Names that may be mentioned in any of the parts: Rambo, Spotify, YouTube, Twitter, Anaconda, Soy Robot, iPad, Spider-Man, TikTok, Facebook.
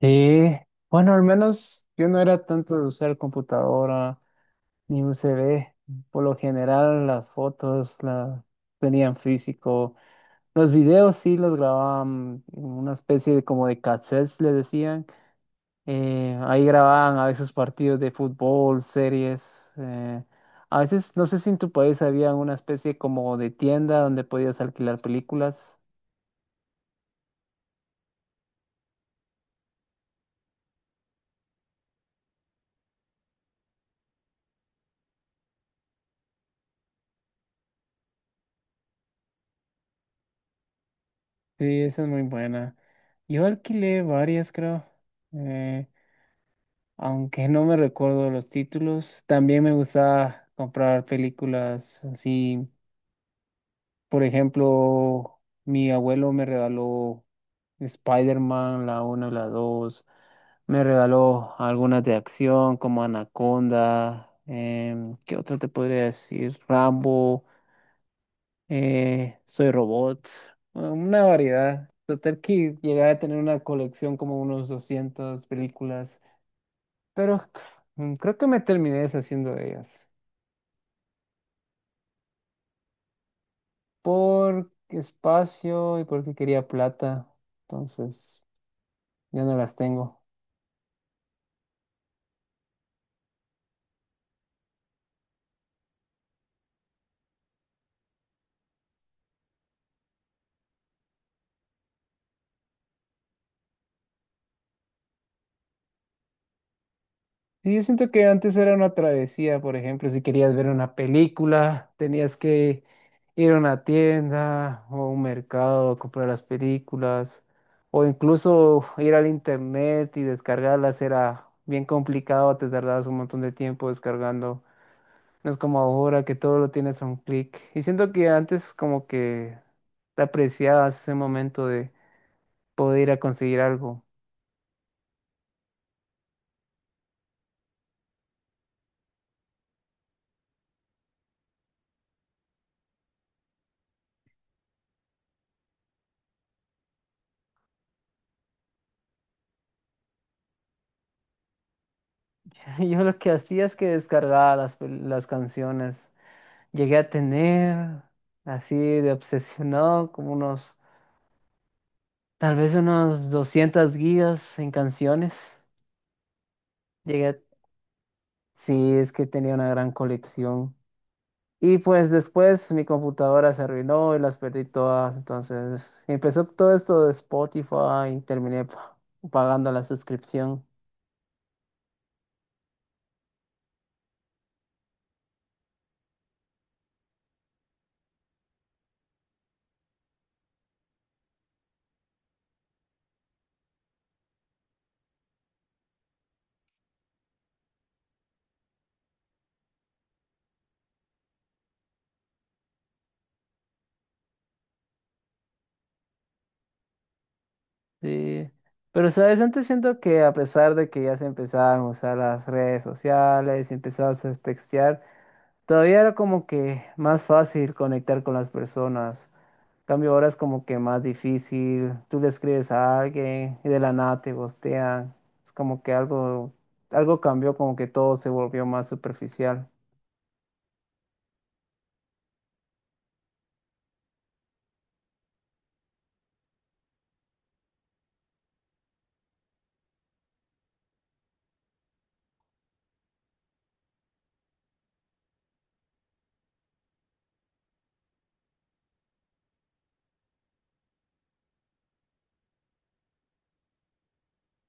Sí, bueno, al menos yo no era tanto de usar computadora ni USB. Por lo general, las fotos las tenían físico. Los videos sí los grababan en una especie de como de cassettes, le decían. Ahí grababan a veces partidos de fútbol, series. A veces, no sé si en tu país había una especie como de tienda donde podías alquilar películas. Sí, esa es muy buena. Yo alquilé varias, creo. Eh, Aunque no me recuerdo los títulos, también me gustaba comprar películas así. Por ejemplo, mi abuelo me regaló Spider-Man, la 1 y la dos. Me regaló algunas de acción como Anaconda. ¿Qué otra te podría decir? Rambo, Soy Robot. Bueno, una variedad. Total que llegué a tener una colección como unos 200 películas. Pero creo que me terminé deshaciendo de ellas. Por espacio y porque quería plata. Entonces, ya no las tengo. Y yo siento que antes era una travesía, por ejemplo, si querías ver una película, tenías que ir a una tienda o a un mercado a comprar las películas. O incluso ir al internet y descargarlas era bien complicado, te tardabas un montón de tiempo descargando. No es como ahora que todo lo tienes a un clic. Y siento que antes como que te apreciabas ese momento de poder ir a conseguir algo. Yo lo que hacía es que descargaba las canciones. Llegué a tener así de obsesionado como unos, tal vez unos 200 gigas en canciones. Llegué a... Sí, es que tenía una gran colección. Y pues después mi computadora se arruinó y las perdí todas. Entonces empezó todo esto de Spotify y terminé pagando la suscripción. Sí. Pero, ¿sabes? Antes siento que a pesar de que ya se empezaban a usar las redes sociales y empezabas a textear, todavía era como que más fácil conectar con las personas. Cambio ahora es como que más difícil. Tú le escribes a alguien y de la nada te gostean. Es como que algo cambió, como que todo se volvió más superficial.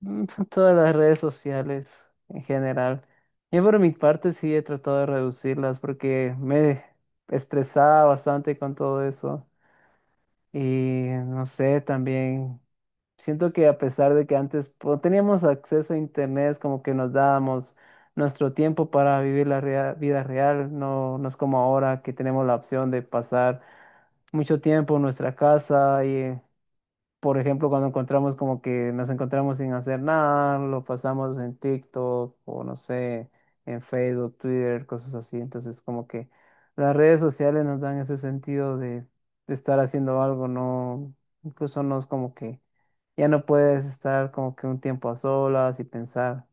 Mm, son todas las redes sociales en general. Yo por mi parte sí he tratado de reducirlas porque me estresaba bastante con todo eso. Y no sé, también. Siento que a pesar de que antes teníamos acceso a internet, como que nos dábamos nuestro tiempo para vivir la vida real, no, no es como ahora que tenemos la opción de pasar mucho tiempo en nuestra casa. Por ejemplo, cuando encontramos como que nos encontramos sin hacer nada, lo pasamos en TikTok o no sé, en Facebook, Twitter, cosas así. Entonces, como que las redes sociales nos dan ese sentido de estar haciendo algo, no, incluso no es como que ya no puedes estar como que un tiempo a solas y pensar.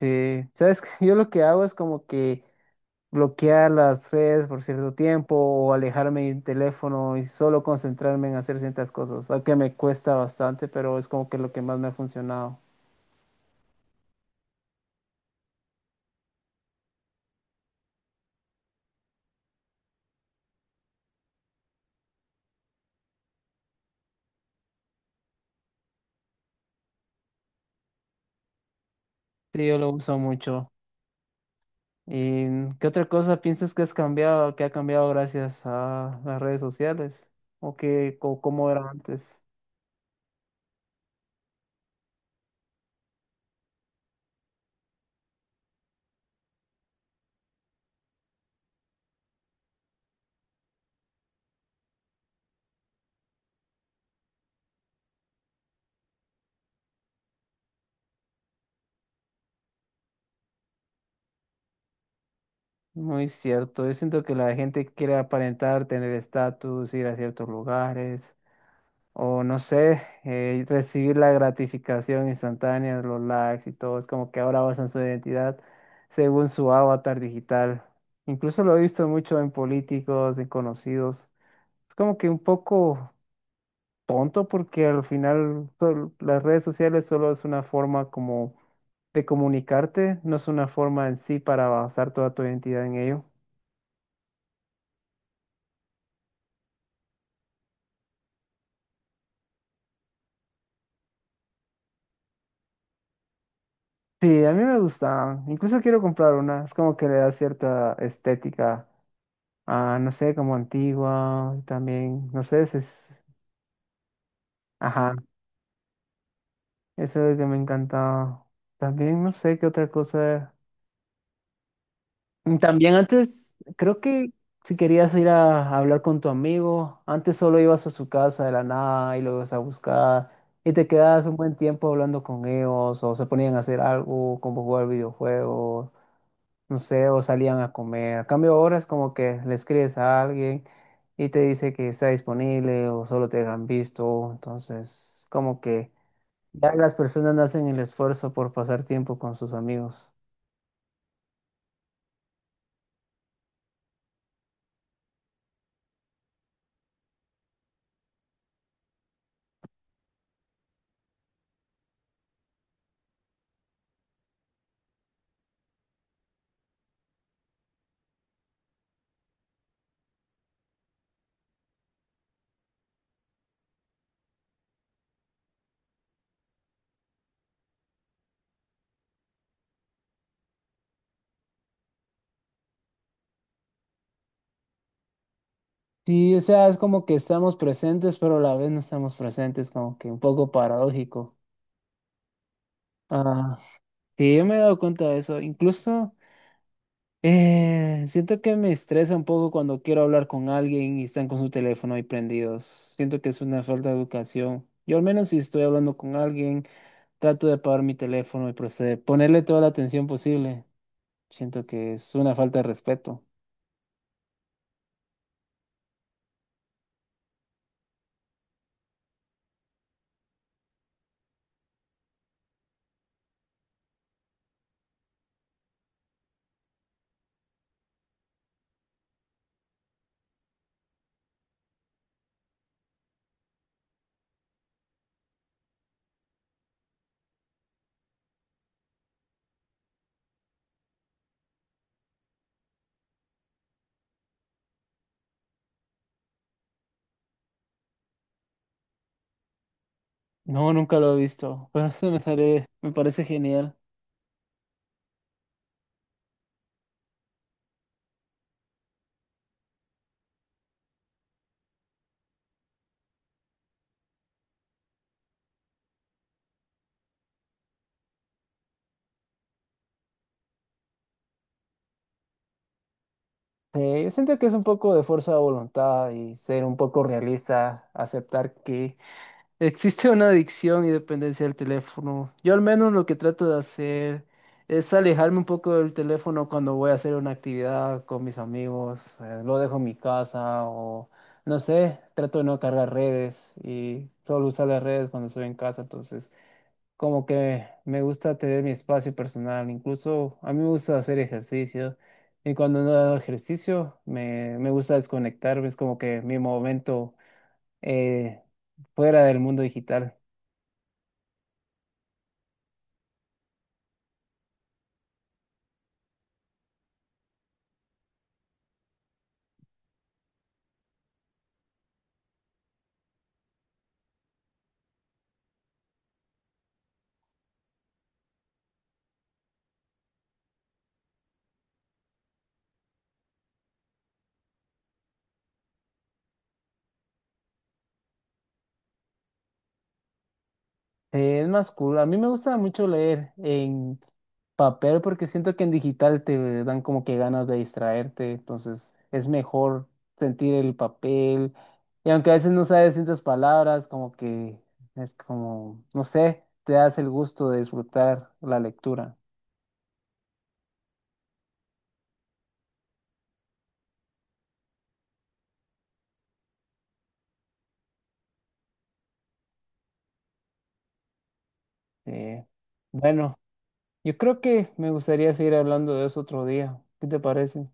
Sí, sabes, que yo lo que hago es como que bloquear las redes por cierto tiempo o alejarme del teléfono y solo concentrarme en hacer ciertas cosas, aunque me cuesta bastante, pero es como que lo que más me ha funcionado. Sí, yo lo uso mucho. ¿Y qué otra cosa piensas que has cambiado, que ha cambiado gracias a las redes sociales? ¿O que, o cómo era antes? Muy cierto. Yo siento que la gente quiere aparentar, tener estatus, ir a ciertos lugares. O no sé, recibir la gratificación instantánea, los likes y todo. Es como que ahora basan su identidad según su avatar digital. Incluso lo he visto mucho en políticos, en conocidos. Es como que un poco tonto porque al final las redes sociales solo es una forma como de comunicarte, no es una forma en sí para basar toda tu identidad en ello. Sí, a mí me gusta. Incluso quiero comprar una. Es como que le da cierta estética. Ah, no sé, como antigua, también, no sé, ese es, ajá, eso es lo que me encantaba. También, no sé qué otra cosa. Mm, también antes, creo que si querías ir a hablar con tu amigo, antes solo ibas a su casa de la nada y lo ibas a buscar y te quedabas un buen tiempo hablando con ellos o se ponían a hacer algo, como jugar videojuegos. No sé, o salían a comer. A cambio ahora es como que le escribes a alguien y te dice que está disponible o solo te han visto. Entonces, como que ya las personas no hacen el esfuerzo por pasar tiempo con sus amigos. Sí, o sea, es como que estamos presentes, pero a la vez no estamos presentes, como que un poco paradójico. Ah, sí, yo me he dado cuenta de eso. Incluso siento que me estresa un poco cuando quiero hablar con alguien y están con su teléfono ahí prendidos. Siento que es una falta de educación. Yo al menos si estoy hablando con alguien, trato de apagar mi teléfono y proceder, ponerle toda la atención posible. Siento que es una falta de respeto. No, nunca lo he visto, pero eso me parece genial. Yo siento que es un poco de fuerza de voluntad y ser un poco realista, aceptar que existe una adicción y dependencia del teléfono. Yo al menos lo que trato de hacer es alejarme un poco del teléfono cuando voy a hacer una actividad con mis amigos. Lo dejo en mi casa o no sé, trato de no cargar redes y solo usar las redes cuando estoy en casa. Entonces, como que me gusta tener mi espacio personal. Incluso a mí me gusta hacer ejercicio y cuando no hago ejercicio me gusta desconectarme. Es como que mi momento eh, fuera del mundo digital. Es más cool. A mí me gusta mucho leer en papel porque siento que en digital te dan como que ganas de distraerte, entonces es mejor sentir el papel. Y aunque a veces no sabes ciertas palabras, como que es como, no sé, te das el gusto de disfrutar la lectura. Eh, bueno, yo creo que me gustaría seguir hablando de eso otro día. ¿Qué te parece?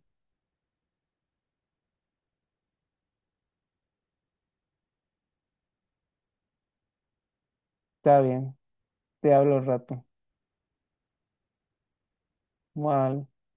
Está bien, te hablo al rato. Bueno.